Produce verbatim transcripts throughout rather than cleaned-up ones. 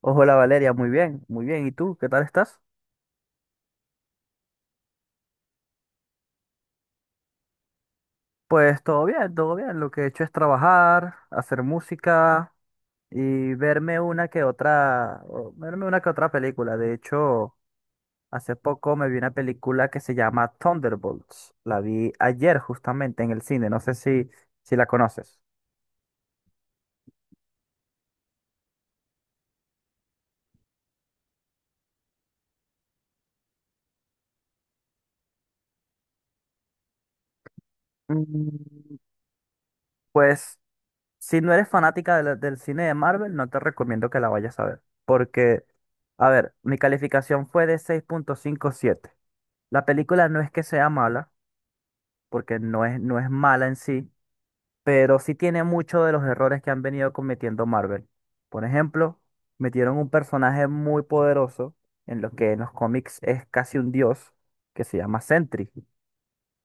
Hola Valeria, muy bien, muy bien. ¿Y tú? ¿Qué tal estás? Pues todo bien, todo bien. Lo que he hecho es trabajar, hacer música y verme una que otra, o verme una que otra película. De hecho, hace poco me vi una película que se llama Thunderbolts. La vi ayer justamente en el cine. No sé si, si la conoces. Mm, Pues si no eres fanática de la- del cine de Marvel, no te recomiendo que la vayas a ver. Porque, a ver, mi calificación fue de seis punto cincuenta y siete. La película no es que sea mala, porque no es, no es mala en sí, pero sí tiene muchos de los errores que han venido cometiendo Marvel. Por ejemplo, metieron un personaje muy poderoso, en lo que en los cómics es casi un dios, que se llama Sentry.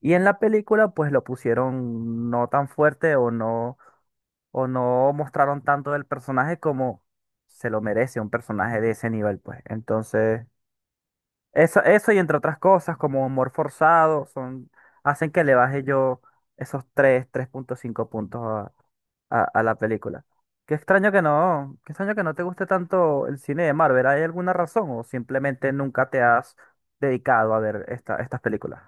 Y en la película, pues lo pusieron no tan fuerte o no, o no mostraron tanto del personaje como se lo merece un personaje de ese nivel, pues. Entonces. Eso, eso y entre otras cosas, como amor forzado, son, hacen que le baje yo esos tres tres punto cinco puntos a, a- a la película. Qué extraño que no, qué extraño que no te guste tanto el cine de Marvel. ¿Hay alguna razón o simplemente nunca te has dedicado a ver esta, estas películas?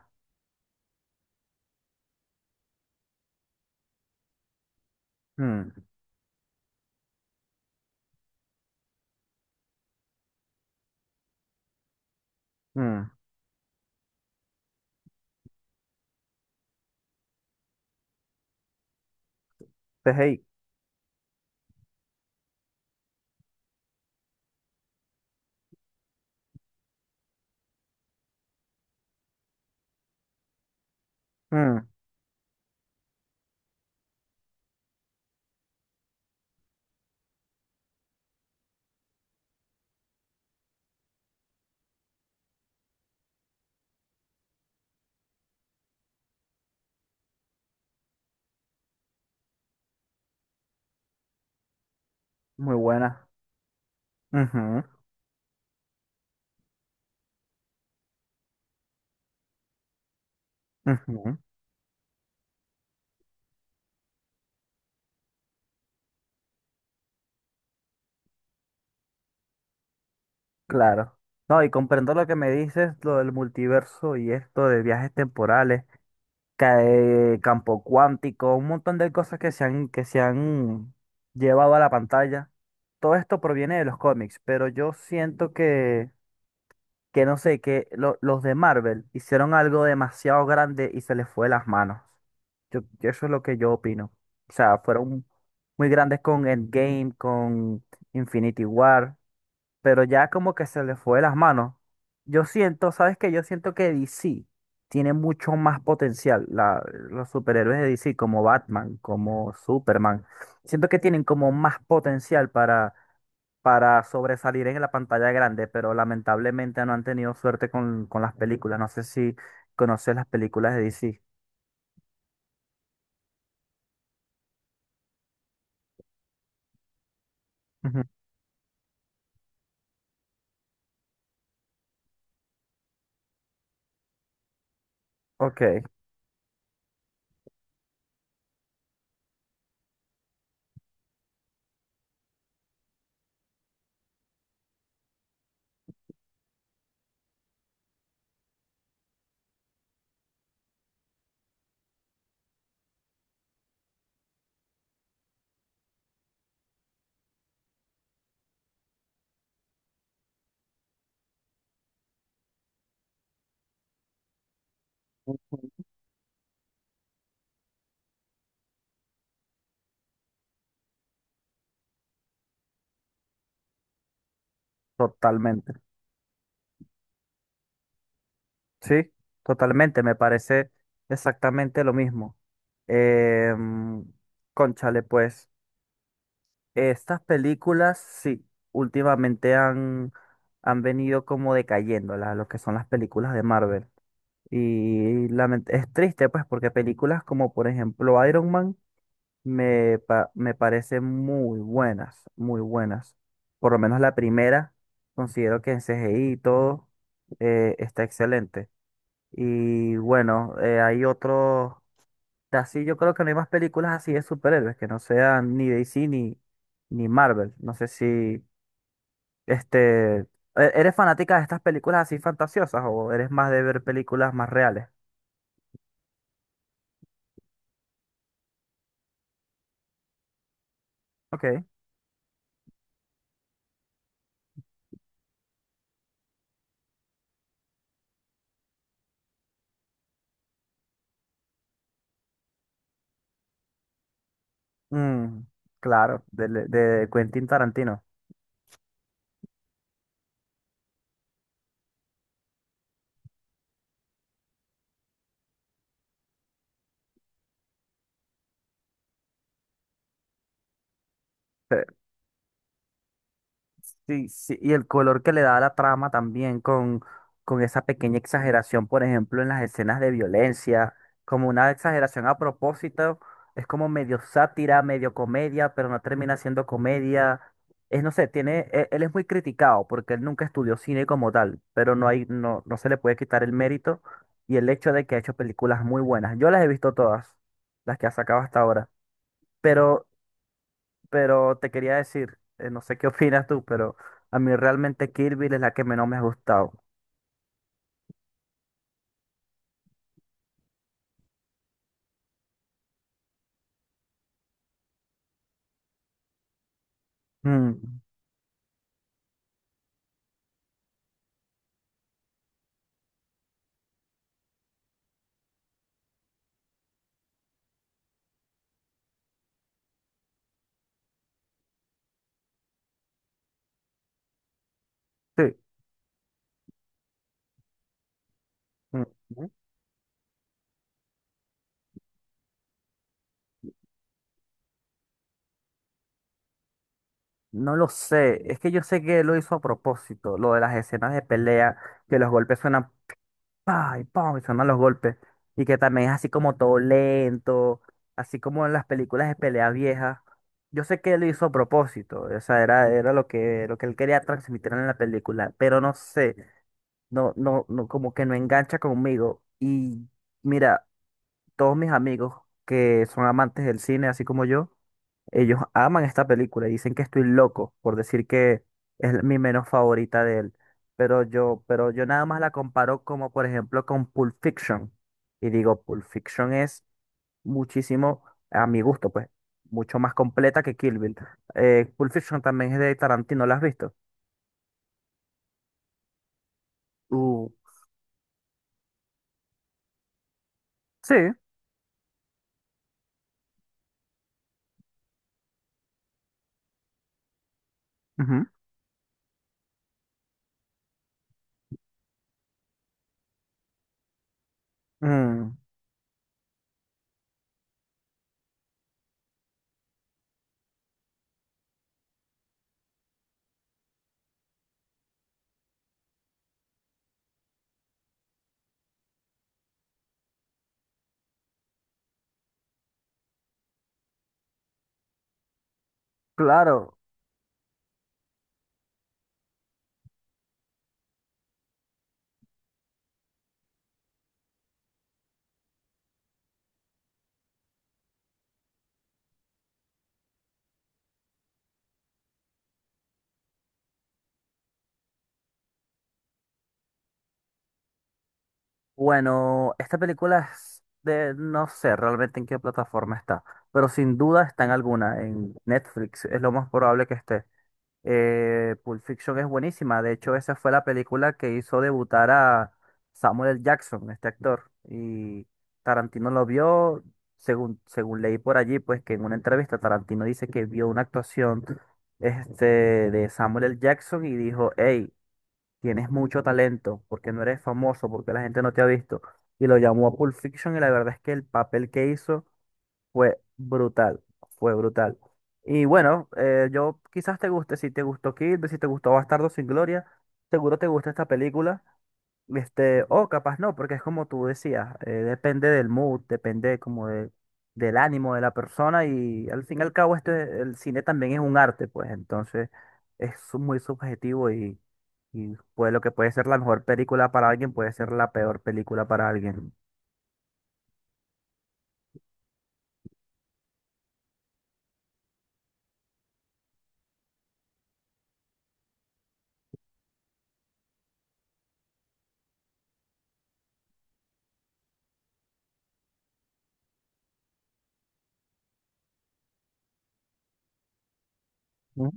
Mm. Mm. C G I. Mm. Muy buena. Ujú. Ujú. Claro. No, y comprendo lo que me dices, lo del multiverso y esto de viajes temporales. Cae- campo cuántico, un montón de cosas que se han, que se han llevado a la pantalla. Todo esto proviene de los cómics, pero yo siento que, que no sé, que lo- los de Marvel hicieron algo demasiado grande y se les fue de las manos. Yo, yo- eso es lo que yo opino. O sea, fueron muy grandes con Endgame, con Infinity War, pero ya como que se le fue de las manos. Yo siento, ¿sabes qué? Yo siento que D C tiene mucho más potencial. la- los superhéroes de D C, como Batman, como Superman, siento que tienen como más potencial para, para sobresalir en la pantalla grande, pero lamentablemente no han tenido suerte con, con las películas. No sé si conoces las películas de D C. Ujú. Ok. Totalmente. Sí, totalmente, me parece exactamente lo mismo. Em, Cónchale, pues, estas películas, sí, últimamente han, han venido como decayendo, la- lo que son las películas de Marvel. Y lament- es triste, pues, porque películas como, por ejemplo, Iron Man me, pa- me parecen muy buenas, muy buenas. Por lo menos la primera, considero que en C G I y todo eh, está excelente. Y bueno, eh, hay otros. Así yo creo que no hay más películas así de superhéroes que no sean ni D C ni, ni Marvel. No sé si este e- eres fanática de estas películas así fantasiosas o eres más de ver películas más reales. Ok. Mm, claro, de, de Quentin Tarantino. Sí, sí, y el color que le da a la trama también con, con esa pequeña exageración, por ejemplo, en las escenas de violencia, como una exageración a propósito, es como medio sátira, medio comedia, pero no termina siendo comedia. Es, no sé, tiene, e- él es muy criticado porque él nunca estudió cine como tal, pero no hay, no, no se le puede quitar el mérito y el hecho de que ha hecho películas muy buenas. Yo las he visto todas, las que ha sacado hasta ahora, pero pero te quería decir, eh, no sé qué opinas tú, pero a mí realmente Kirby es la que menos me ha gustado. Mm. Sí. Mm. No lo sé. Es que yo sé que lo hizo a propósito, lo de las escenas de pelea, que los golpes suenan pa y pa y suenan los golpes. Y que también es así como todo lento, así como en las películas de pelea viejas. Yo sé que lo hizo a propósito, o sea, era, era lo que, lo que él quería transmitir en la película, pero no sé. No, no, no, como que no engancha conmigo. Y mira, todos mis amigos que son amantes del cine, así como yo, ellos aman esta película y dicen que estoy loco por decir que es la- mi menos favorita de él. Pero yo, pero yo nada más la comparo como, por ejemplo, con Pulp Fiction. Y digo, Pulp Fiction es muchísimo, a mi gusto, pues, mucho más completa que Kill Bill. Eh, Pulp Fiction también es de Tarantino, ¿la has visto? Uh, sí. Ujú. Mm. Claro. Bueno, esta película es de, no sé realmente en qué plataforma está, pero sin duda está en alguna, en Netflix, es lo más probable que esté. Eh, Pulp Fiction es buenísima, de hecho esa fue la película que hizo debutar a Samuel L. Jackson, este actor, y Tarantino lo vio, según, según leí por allí, pues que en una entrevista Tarantino dice que vio una actuación este, de Samuel L. Jackson y dijo, hey, tienes mucho talento, porque no eres famoso, porque la gente no te ha visto. Y lo llamó a Pulp Fiction y la verdad es que el papel que hizo fue brutal, fue brutal. Y bueno, eh, yo quizás te guste, si te gustó Kill, Bill, si te gustó Bastardo sin Gloria, seguro te gusta esta película. Este, o capaz no, porque es como tú decías, eh, depende del mood, depende como de- del ánimo de la persona y al fin y al cabo esto es- el cine también es un arte, pues entonces es su- muy subjetivo y, y pues lo que puede ser la mejor película para alguien puede ser la peor película para alguien. ¿Mm?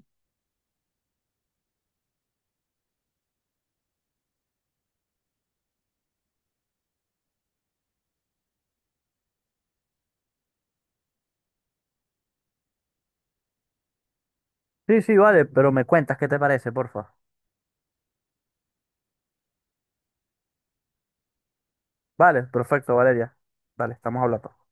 Sí, sí, vale, pero me cuentas qué te parece, porfa. Vale, perfecto, Valeria. Vale, estamos hablando.